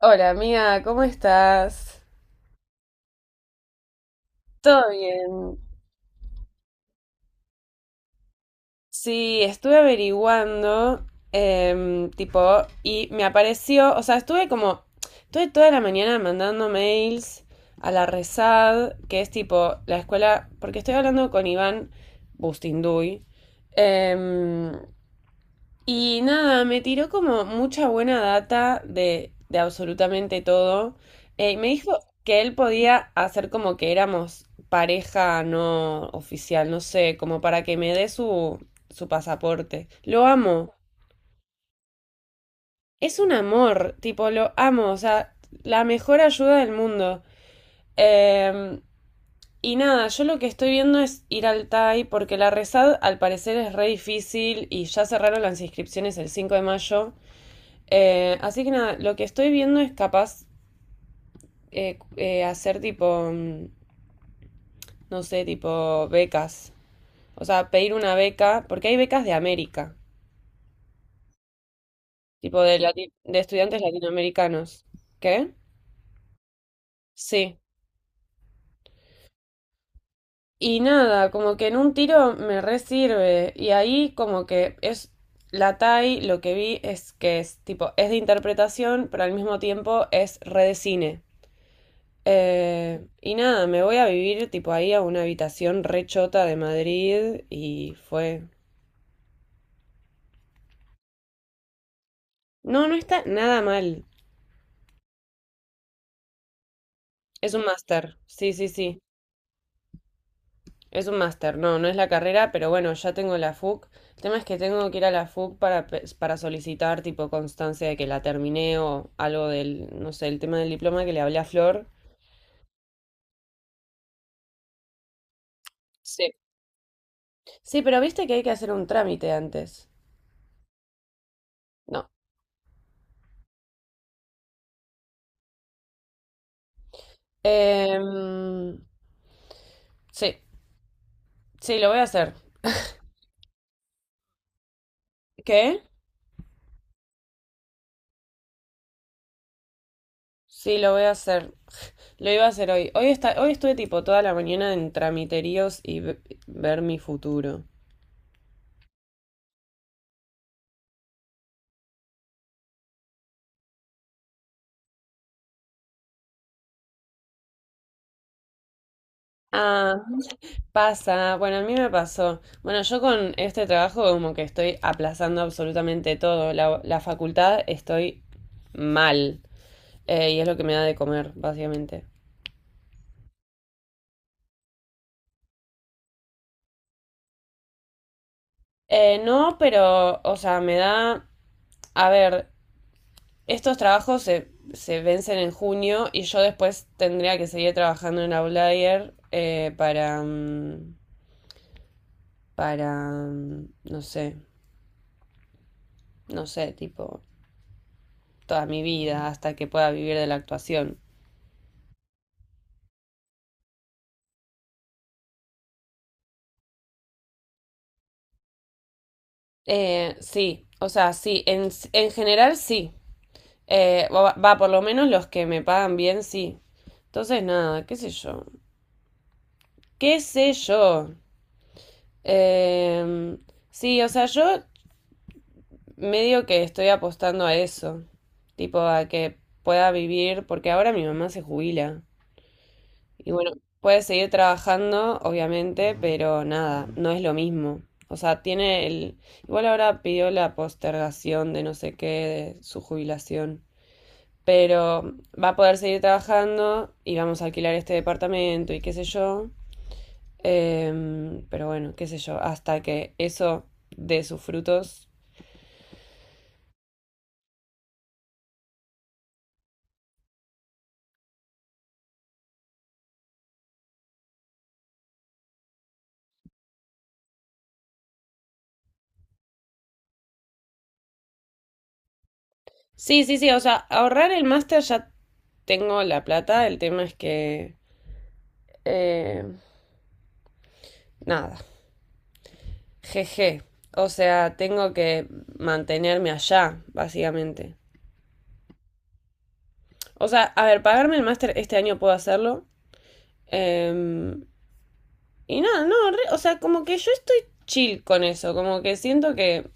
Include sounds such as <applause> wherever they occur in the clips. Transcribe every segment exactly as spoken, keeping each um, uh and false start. Hola amiga, ¿cómo estás? ¿Todo bien? Sí, estuve averiguando, em, tipo, y me apareció, o sea, estuve como, estuve toda la mañana mandando mails a la RESAD, que es tipo la escuela, porque estoy hablando con Iván Bustinduy. em, Y nada, me tiró como mucha buena data de, de absolutamente todo. Eh, me dijo que él podía hacer como que éramos pareja no oficial, no sé, como para que me dé su, su pasaporte. Lo amo. Es un amor, tipo, lo amo, o sea, la mejor ayuda del mundo. Em, y nada, yo lo que estoy viendo es ir al TAI porque la rezad al parecer es re difícil y ya cerraron las inscripciones el cinco de mayo. Eh, así que nada, lo que estoy viendo es capaz eh, eh, hacer tipo, mm, no sé, tipo becas. O sea, pedir una beca, porque hay becas de América, tipo de, lati- de estudiantes latinoamericanos. ¿Qué? Sí. Y nada, como que en un tiro me re sirve. Y ahí como que es la TAI, lo que vi es que es tipo, es de interpretación, pero al mismo tiempo es re de cine. Eh, y nada, me voy a vivir tipo ahí a una habitación rechota de Madrid y fue. No, no está nada mal. Es un máster. Sí, sí, sí. Es un máster. No, no es la carrera, pero bueno, ya tengo la FUC. El tema es que tengo que ir a la FUC para, pe- para solicitar tipo constancia de que la terminé o algo del, no sé, el tema del diploma que le hablé a Flor. Sí. Sí, pero viste que hay que hacer un trámite antes. No. Em, sí, sí, lo voy a hacer. ¿Qué? Sí, lo voy a hacer. Lo iba a hacer hoy. Hoy está, hoy estuve tipo toda la mañana en tramiteríos y ve- ver mi futuro. Ah, pasa. Bueno, a mí me pasó. Bueno, yo con este trabajo como que estoy aplazando absolutamente todo. La, la facultad estoy mal. Eh, y es lo que me da de comer, básicamente. Eh, no, pero, o sea, me da... A ver, estos trabajos se, se vencen en junio y yo después tendría que seguir trabajando en Outlier eh, para, mm, para, mm, no sé, no sé, tipo, toda mi vida hasta que pueda vivir de la actuación. Eh, sí, o sea, sí, en, en general sí. Eh, va, va, por lo menos los que me pagan bien, sí. Entonces, nada, qué sé yo. ¿Qué sé yo? Eh, sí, o sea, yo medio que estoy apostando a eso, tipo a que pueda vivir, porque ahora mi mamá se jubila. Y bueno, puede seguir trabajando, obviamente, pero nada, no es lo mismo. O sea, tiene el... Igual ahora pidió la postergación de no sé qué, de su jubilación. Pero va a poder seguir trabajando y vamos a alquilar este departamento y qué sé yo. Em, pero bueno, qué sé yo, hasta que eso dé sus frutos. Sí, sí, sí, o sea, ahorrar el máster ya tengo la plata, el tema es que... eh, nada, jeje, o sea, tengo que mantenerme allá, básicamente. O sea, a ver, pagarme el máster este año puedo hacerlo. eh, y nada, no, re- o sea, como que yo estoy chill con eso, como que siento que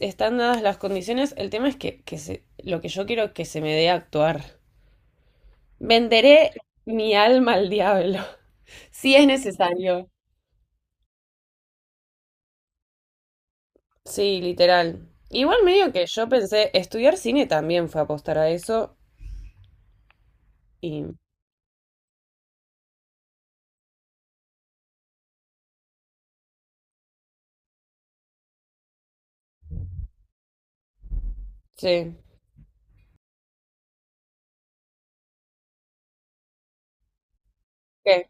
están dadas las condiciones, el tema es que, que se- lo que yo quiero es que se me dé a actuar. Venderé mi alma al diablo, <laughs> si es necesario. Sí, literal. Igual medio que yo pensé, estudiar cine también fue apostar a eso y sí. ¿Qué?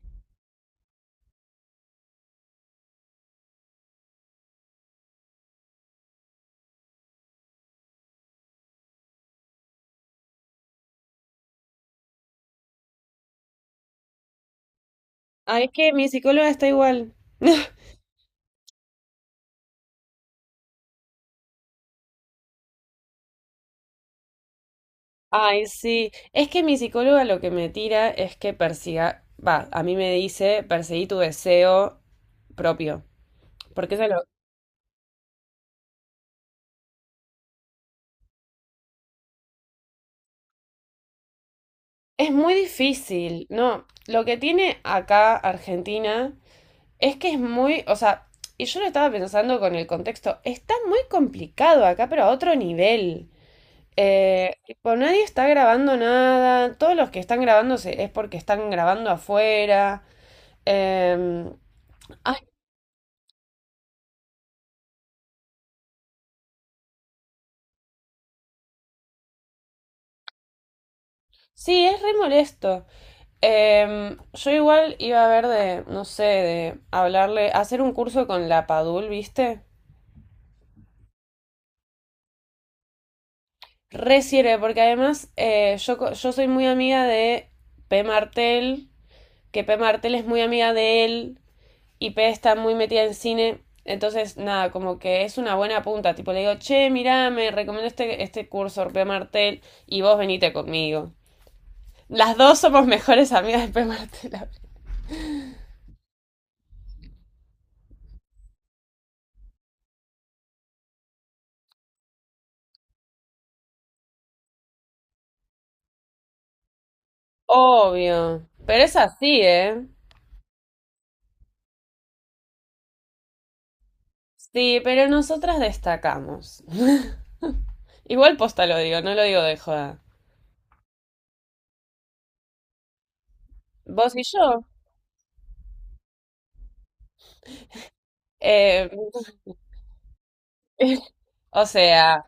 Ah, es que mi psicóloga está igual. <laughs> Ay, sí. Es que mi psicóloga lo que me tira es que persiga, va, a mí me dice perseguí tu deseo propio, porque eso lo- es muy difícil, ¿no? Lo que tiene acá Argentina es que es muy, o sea, y yo lo estaba pensando con el contexto, está muy complicado acá, pero a otro nivel. Eh, tipo, nadie está grabando nada. Todos los que están grabando se- es porque están grabando afuera. Em, ay, sí, es re molesto. Em, yo igual iba a ver de, no sé, de hablarle, hacer un curso con la Padul, ¿viste? Re sirve, porque además eh, yo, co- yo soy muy amiga de P. Martel, que P. Martel es muy amiga de él. Y P está muy metida en cine, entonces nada, como que es una buena punta, tipo le digo, che, mirá, me recomiendo este, este curso, de P. Martel, y vos venite conmigo. Las dos somos mejores amigas de P. Martel. <laughs> Obvio, pero es así, ¿eh? Sí, pero nosotras destacamos. <laughs> Igual posta lo digo, no lo digo de joda. Vos y yo. Eh, <laughs> o sea,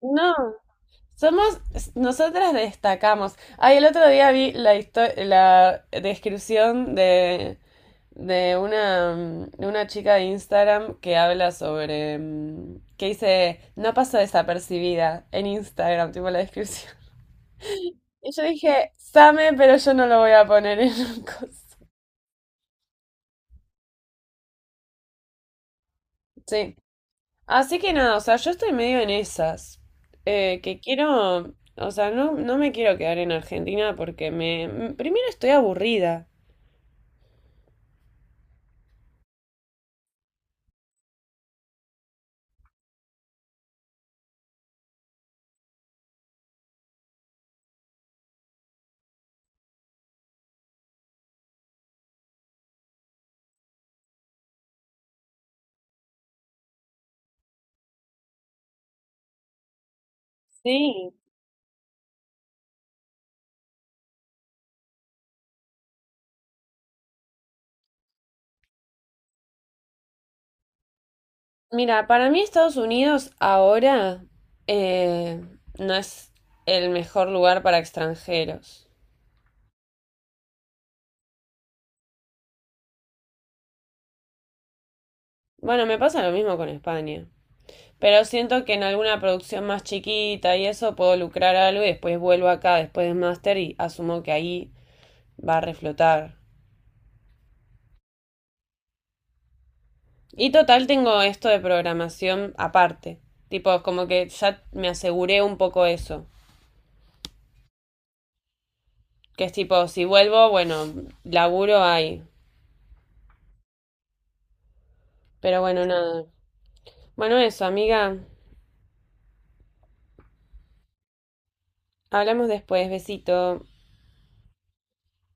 no, somos, nosotras destacamos. Ay, el otro día vi la, histo- la descripción de, de una, mm, de una chica de Instagram que habla sobre, mm, que dice, no paso desapercibida en Instagram, tipo la descripción. <laughs> Y yo dije, same, pero yo no lo voy a poner en un coso. Sí. Así que nada, o sea, yo estoy medio en esas. Eh, que quiero, o sea, no, no me quiero quedar en Argentina porque me, primero estoy aburrida. Sí. Mira, para mí Estados Unidos ahora eh, no es el mejor lugar para extranjeros. Bueno, me pasa lo mismo con España. Pero siento que en alguna producción más chiquita y eso puedo lucrar algo y después vuelvo acá después del máster y asumo que ahí va a reflotar. Y total tengo esto de programación aparte. Tipo, como que ya me aseguré un poco eso. Que es tipo, si vuelvo, bueno, laburo ahí. Pero bueno, nada. Bueno, eso, amiga. Hablamos después, besito.